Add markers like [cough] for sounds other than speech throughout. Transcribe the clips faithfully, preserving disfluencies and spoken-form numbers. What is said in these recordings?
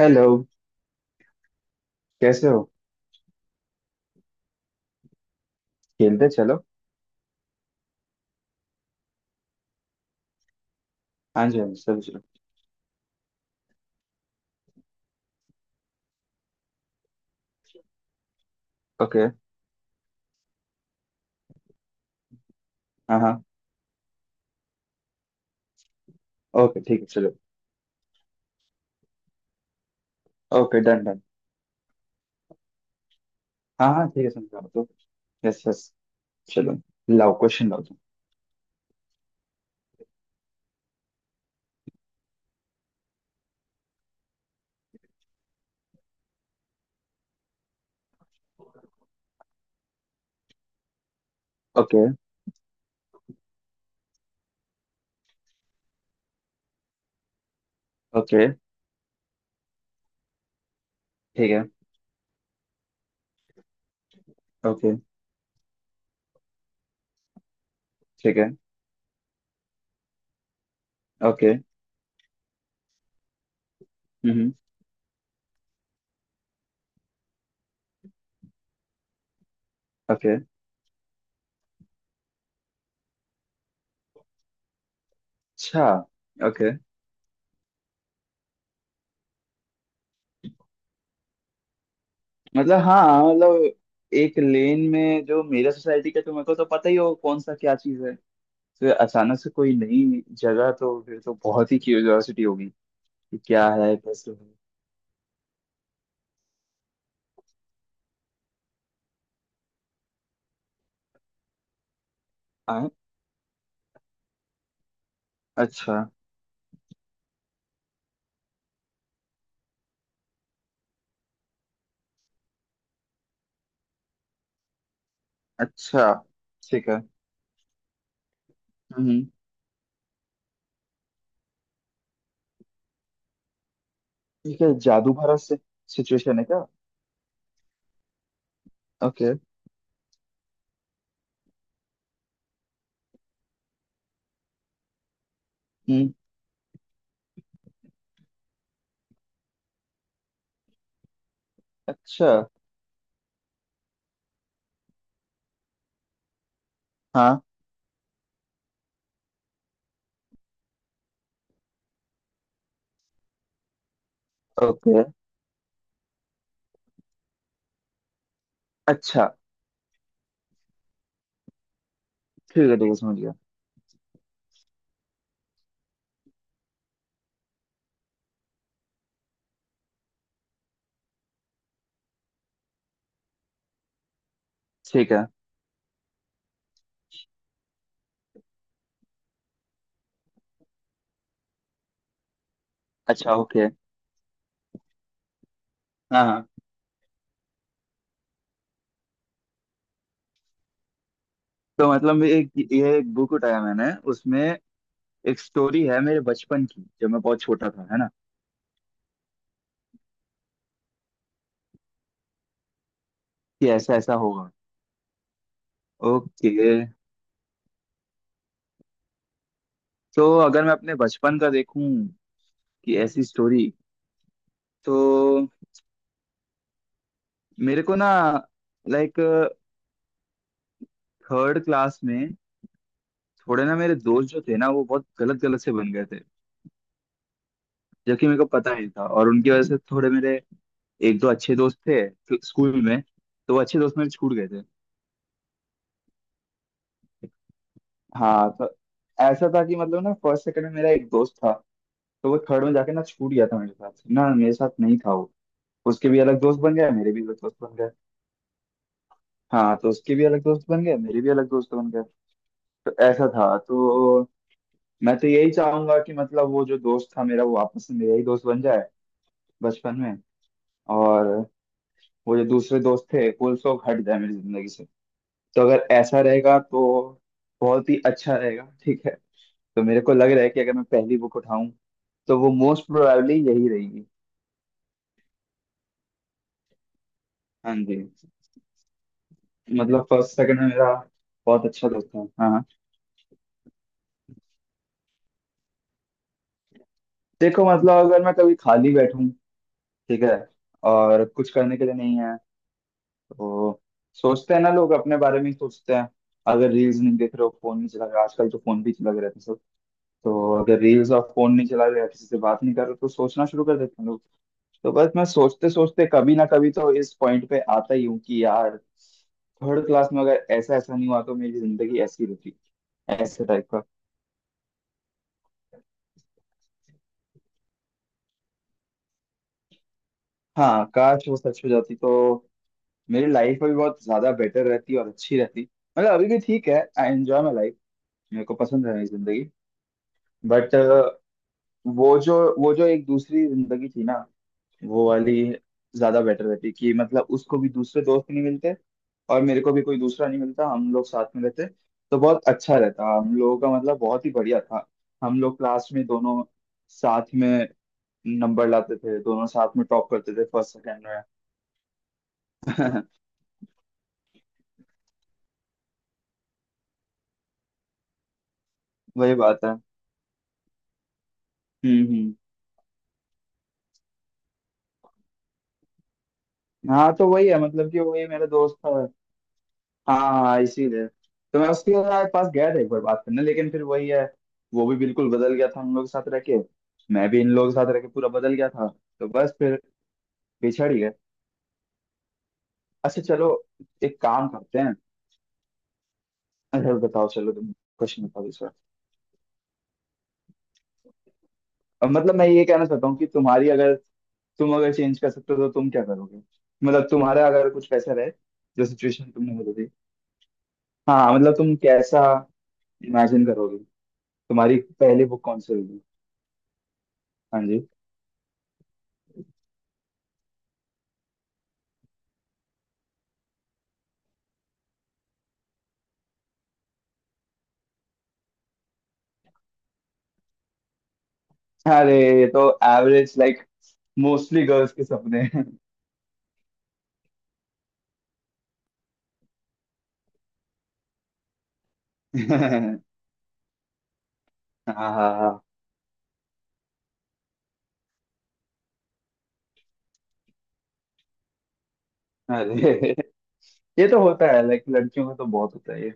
Hello. कैसे हो? खेलते हैं, चलो। हाँ जी, हाँ जी, चलो चलो। ओके। हाँ हाँ। ओके ठीक है, चलो। Okay, done done. हाँ हाँ ठीक है, समझा तो। Yes yes. चलो, लाओ क्वेश्चन लाओ तुम। ओके। ओके ठीक है। ओके ठीक है। ओके। हम्म। ओके। अच्छा। ओके। मतलब हाँ, मतलब एक लेन में जो मेरा सोसाइटी का तुम्हें को तो पता ही हो कौन सा क्या चीज़ है। तो अचानक से कोई नई जगह तो फिर तो बहुत ही क्यूरियोसिटी होगी कि क्या है, कैसे है। हाँ। अच्छा। अच्छा ठीक है। हम्म। ठीक है, जादू भरा से सिचुएशन है क्या। ओके। हम्म। अच्छा। हाँ। ओके। अच्छा, ठीक है ठीक है, समझ गया। ठीक है। अच्छा ओके। हाँ हाँ। तो मतलब एक, ये एक बुक उठाया मैंने, उसमें एक स्टोरी है मेरे बचपन की जब मैं बहुत छोटा था, है ना। कि ऐसा ऐसा होगा। ओके। तो अगर मैं अपने बचपन का देखूं कि ऐसी स्टोरी, तो मेरे को ना, लाइक थर्ड क्लास में थोड़े ना मेरे दोस्त जो थे ना वो बहुत गलत गलत से बन गए थे। जबकि मेरे को पता नहीं था, और उनकी वजह से थोड़े मेरे एक दो अच्छे दोस्त थे फ- स्कूल में। तो वो अच्छे दोस्त मेरे छूट गए थे। हाँ, तो ऐसा था कि मतलब ना फर्स्ट सेकंड में मेरा एक दोस्त था। तो वो थर्ड में जाके ना छूट गया था मेरे साथ। ना मेरे साथ नहीं था वो। उसके भी अलग दोस्त बन गए, मेरे भी अलग दोस्त बन गए। हाँ, तो उसके भी अलग दोस्त बन गए, मेरे भी अलग दोस्त बन गए। तो ऐसा था, तो मैं तो यही चाहूंगा कि मतलब वो जो दोस्त था मेरा वो वापस से मेरा ही दोस्त बन जाए बचपन में। और वो जो दूसरे दोस्त थे वो सब हट जाए मेरी जिंदगी से। तो अगर ऐसा रहेगा तो बहुत ही अच्छा रहेगा, ठीक है। तो मेरे को लग रहा है कि अगर मैं पहली बुक उठाऊं, तो वो मोस्ट प्रोबेबली यही रहेगी। हाँ जी। मतलब फर्स्ट सेकंड में मेरा बहुत अच्छा दोस्त था, हाँ हाँ। देखो मतलब अगर मैं कभी खाली बैठूं, ठीक है, और कुछ करने के लिए नहीं है, तो सोचते हैं ना, लोग अपने बारे में ही सोचते हैं। अगर रील्स नहीं देख रहे हो, फोन नहीं चला रहे हो, आजकल तो फोन भी चला रहे हैं। तो अगर रील्स और फोन नहीं चला रहे या किसी से बात नहीं कर रहे तो सोचना शुरू कर देते हैं लोग। तो बस मैं सोचते सोचते कभी ना कभी तो इस पॉइंट पे आता ही हूँ कि यार, थर्ड क्लास में अगर ऐसा ऐसा नहीं हुआ तो मेरी जिंदगी ऐसी होती, ऐसे टाइप का। हाँ, काश वो सच हो जाती तो मेरी लाइफ भी बहुत ज्यादा बेटर रहती और अच्छी रहती। मतलब अभी भी ठीक है। I enjoy my life. मेरे को पसंद है मेरी जिंदगी। बट वो जो वो जो एक दूसरी जिंदगी थी ना, वो वाली ज्यादा बेटर रहती, कि मतलब उसको भी दूसरे दोस्त नहीं मिलते और मेरे को भी कोई दूसरा नहीं मिलता, हम लोग साथ में रहते। तो बहुत अच्छा रहता हम लोगों का, मतलब बहुत ही बढ़िया था। हम लोग क्लास में दोनों साथ में नंबर लाते थे, दोनों साथ में टॉप करते थे फर्स्ट सेकंड में। [laughs] वही बात है। हम्म हम्म। हाँ तो वही है, मतलब कि वही मेरा दोस्त था। हाँ, हाँ इसीलिए तो मैं उसके यार पास गया था एक बार बात करने, लेकिन फिर वही है। वो भी बिल्कुल बदल गया था हम लोग के साथ रह के, मैं भी इन लोगों के साथ रह के पूरा बदल गया था। तो बस फिर पिछड़ ही गए। अच्छा चलो, एक काम करते हैं। अच्छा बताओ, चलो तुम क्वेश्चन बताओ इस बार। अब मतलब मैं ये कहना चाहता हूँ कि तुम्हारी अगर, तुम अगर चेंज कर सकते हो तो तुम क्या करोगे, मतलब तुम्हारा अगर कुछ ऐसा रहे जो सिचुएशन तुमने बदली। हाँ, मतलब तुम कैसा इमेजिन करोगे, तुम्हारी पहली बुक कौन सी होगी। हाँ जी। अरे, ये तो एवरेज लाइक मोस्टली गर्ल्स के सपने हैं। [laughs] हाँ हाँ हाँ। अरे ये तो होता है, लाइक लड़कियों में तो बहुत होता है ये।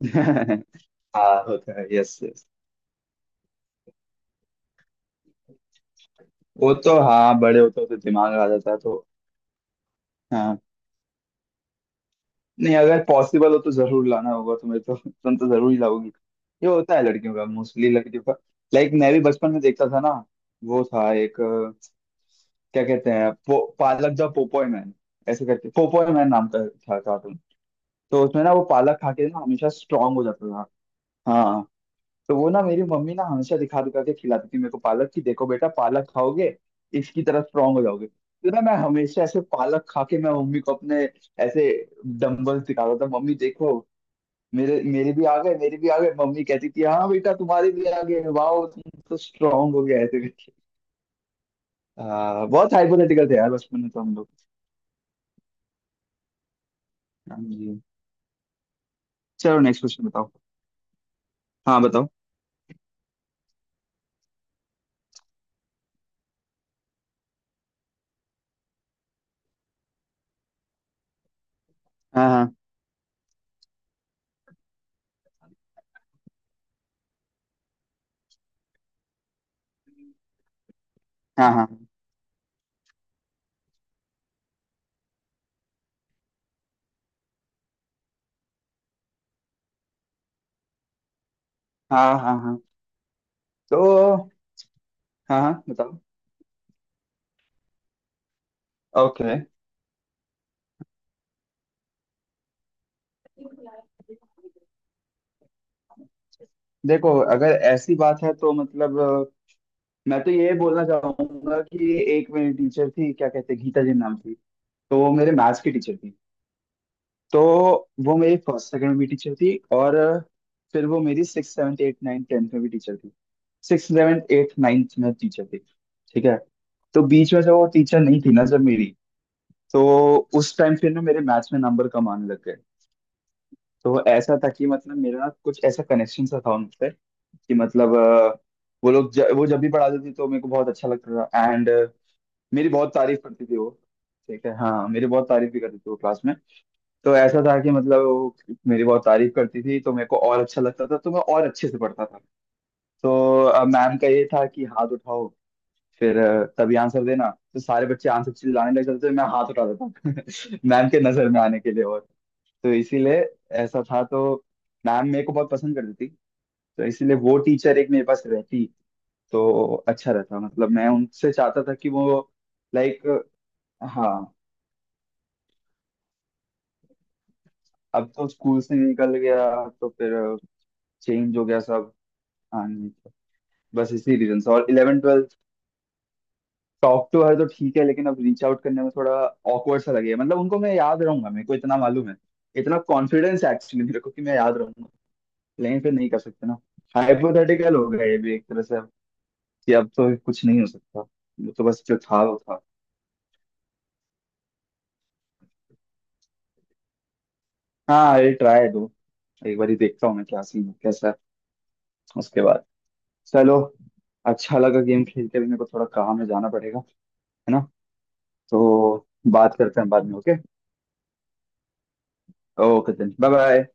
[laughs] हाँ होता है, यस यस। वो तो हाँ, बड़े होते होते दिमाग आ जाता है तो। हाँ, नहीं अगर पॉसिबल हो तो जरूर लाना होगा तुम्हें तो। [laughs] तुम तो जरूर ही लाओगी। ये होता है लड़कियों का, मोस्टली लड़कियों का। लाइक मैं भी बचपन में देखता था ना, वो था एक अ, क्या कहते हैं, पो, पालक द पोपोय मैन, ऐसे करके पोपोय मैन नाम का था। तो उसमें ना वो पालक खा के ना हमेशा स्ट्रांग हो जाता था। हाँ। तो वो ना मेरी मम्मी ना हमेशा दिखा दिखा के खिलाती थी मेरे को पालक की, देखो बेटा पालक खाओगे इसकी तरह स्ट्रांग हो जाओगे। तो ना मैं हमेशा ऐसे पालक खा के मैं मम्मी को अपने ऐसे डंबल दिखाता था, मम्मी देखो मेरे मेरे भी आ गए, मेरे भी आ गए। मम्मी कहती थी हाँ बेटा तुम्हारे भी आ गए, वाह तुम तो स्ट्रांग हो गया, ऐसे करके। हाँ, बहुत हाइपोथेटिकल थे यार बचपन में तो हम लोग। हाँ जी। चलो नेक्स्ट क्वेश्चन बताओ। हाँ बताओ। हाँ हाँ हाँ। हाँ हाँ हाँ। हाँ तो। हाँ हाँ बताओ। ओके। देखो अगर ऐसी बात है तो मतलब अ, मैं तो ये बोलना चाहूंगा कि एक मेरी टीचर थी, क्या कहते हैं, गीता जी नाम थी। तो वो मेरे मैथ्स की टीचर थी। तो वो मेरी फर्स्ट सेकंड में भी टीचर थी, और अ, फिर वो मेरी six seventh eight ninth tenth में भी टीचर थी। सिक्स सेवन्थ एट नाइन्थ में टीचर थी। ठीक है। तो बीच में जब वो टीचर नहीं थी ना, जब मेरी, तो उस टाइम फिर ना मेरे मैथ्स में नंबर कम आने लग गए। तो ऐसा था कि मतलब मेरा कुछ ऐसा कनेक्शन सा था उनसे, कि मतलब अ, वो लोग ज, वो जब भी पढ़ाते थे तो मेरे को बहुत अच्छा लगता था। एंड मेरी बहुत तारीफ करती थी वो। ठीक है, हाँ, मेरी बहुत तारीफ भी करती थी वो क्लास में। तो ऐसा था कि मतलब वो मेरी बहुत तारीफ करती थी तो मेरे को और अच्छा लगता था तो मैं और अच्छे से पढ़ता था। तो अ, मैम का ये था कि हाथ उठाओ, फिर अ, तभी आंसर देना। तो सारे बच्चे आंसर चिल्लाने लग जाते थे, मैं हाथ उठाता था [laughs] मैम के नजर में आने के लिए, और तो इसीलिए ऐसा था, तो मैम मेरे को बहुत पसंद करती थी। तो इसीलिए वो टीचर एक मेरे पास रहती तो अच्छा रहता, मतलब मैं उनसे चाहता था कि वो। लाइक। हाँ। अब तो स्कूल से निकल गया तो फिर चेंज हो गया सब। हाँ, नहीं तो बस इसी रीजन से, और eleven twelfth. Talk to her तो ठीक है, लेकिन अब रीच आउट करने में थोड़ा ऑकवर्ड सा लगेगा। मतलब उनको मैं याद रहूंगा, मेरे को इतना मालूम है, इतना कॉन्फिडेंस एक्चुअली मेरे को कि मैं याद रहूंगा। लेकिन फिर नहीं कर सकते ना। हाइपोथेटिकल हो गया ये भी एक तरह से, कि अब तो कुछ नहीं हो सकता, वो तो बस जो था वो था। हाँ ये ट्राई दो, एक बार ही देखता हूँ मैं क्या सीन है, कैसा है। उसके बाद चलो। अच्छा लगा गेम खेल के, भी मेरे को थोड़ा काम में जाना पड़ेगा, है ना। तो बात करते हैं बाद में, okay. Okay then, bye bye.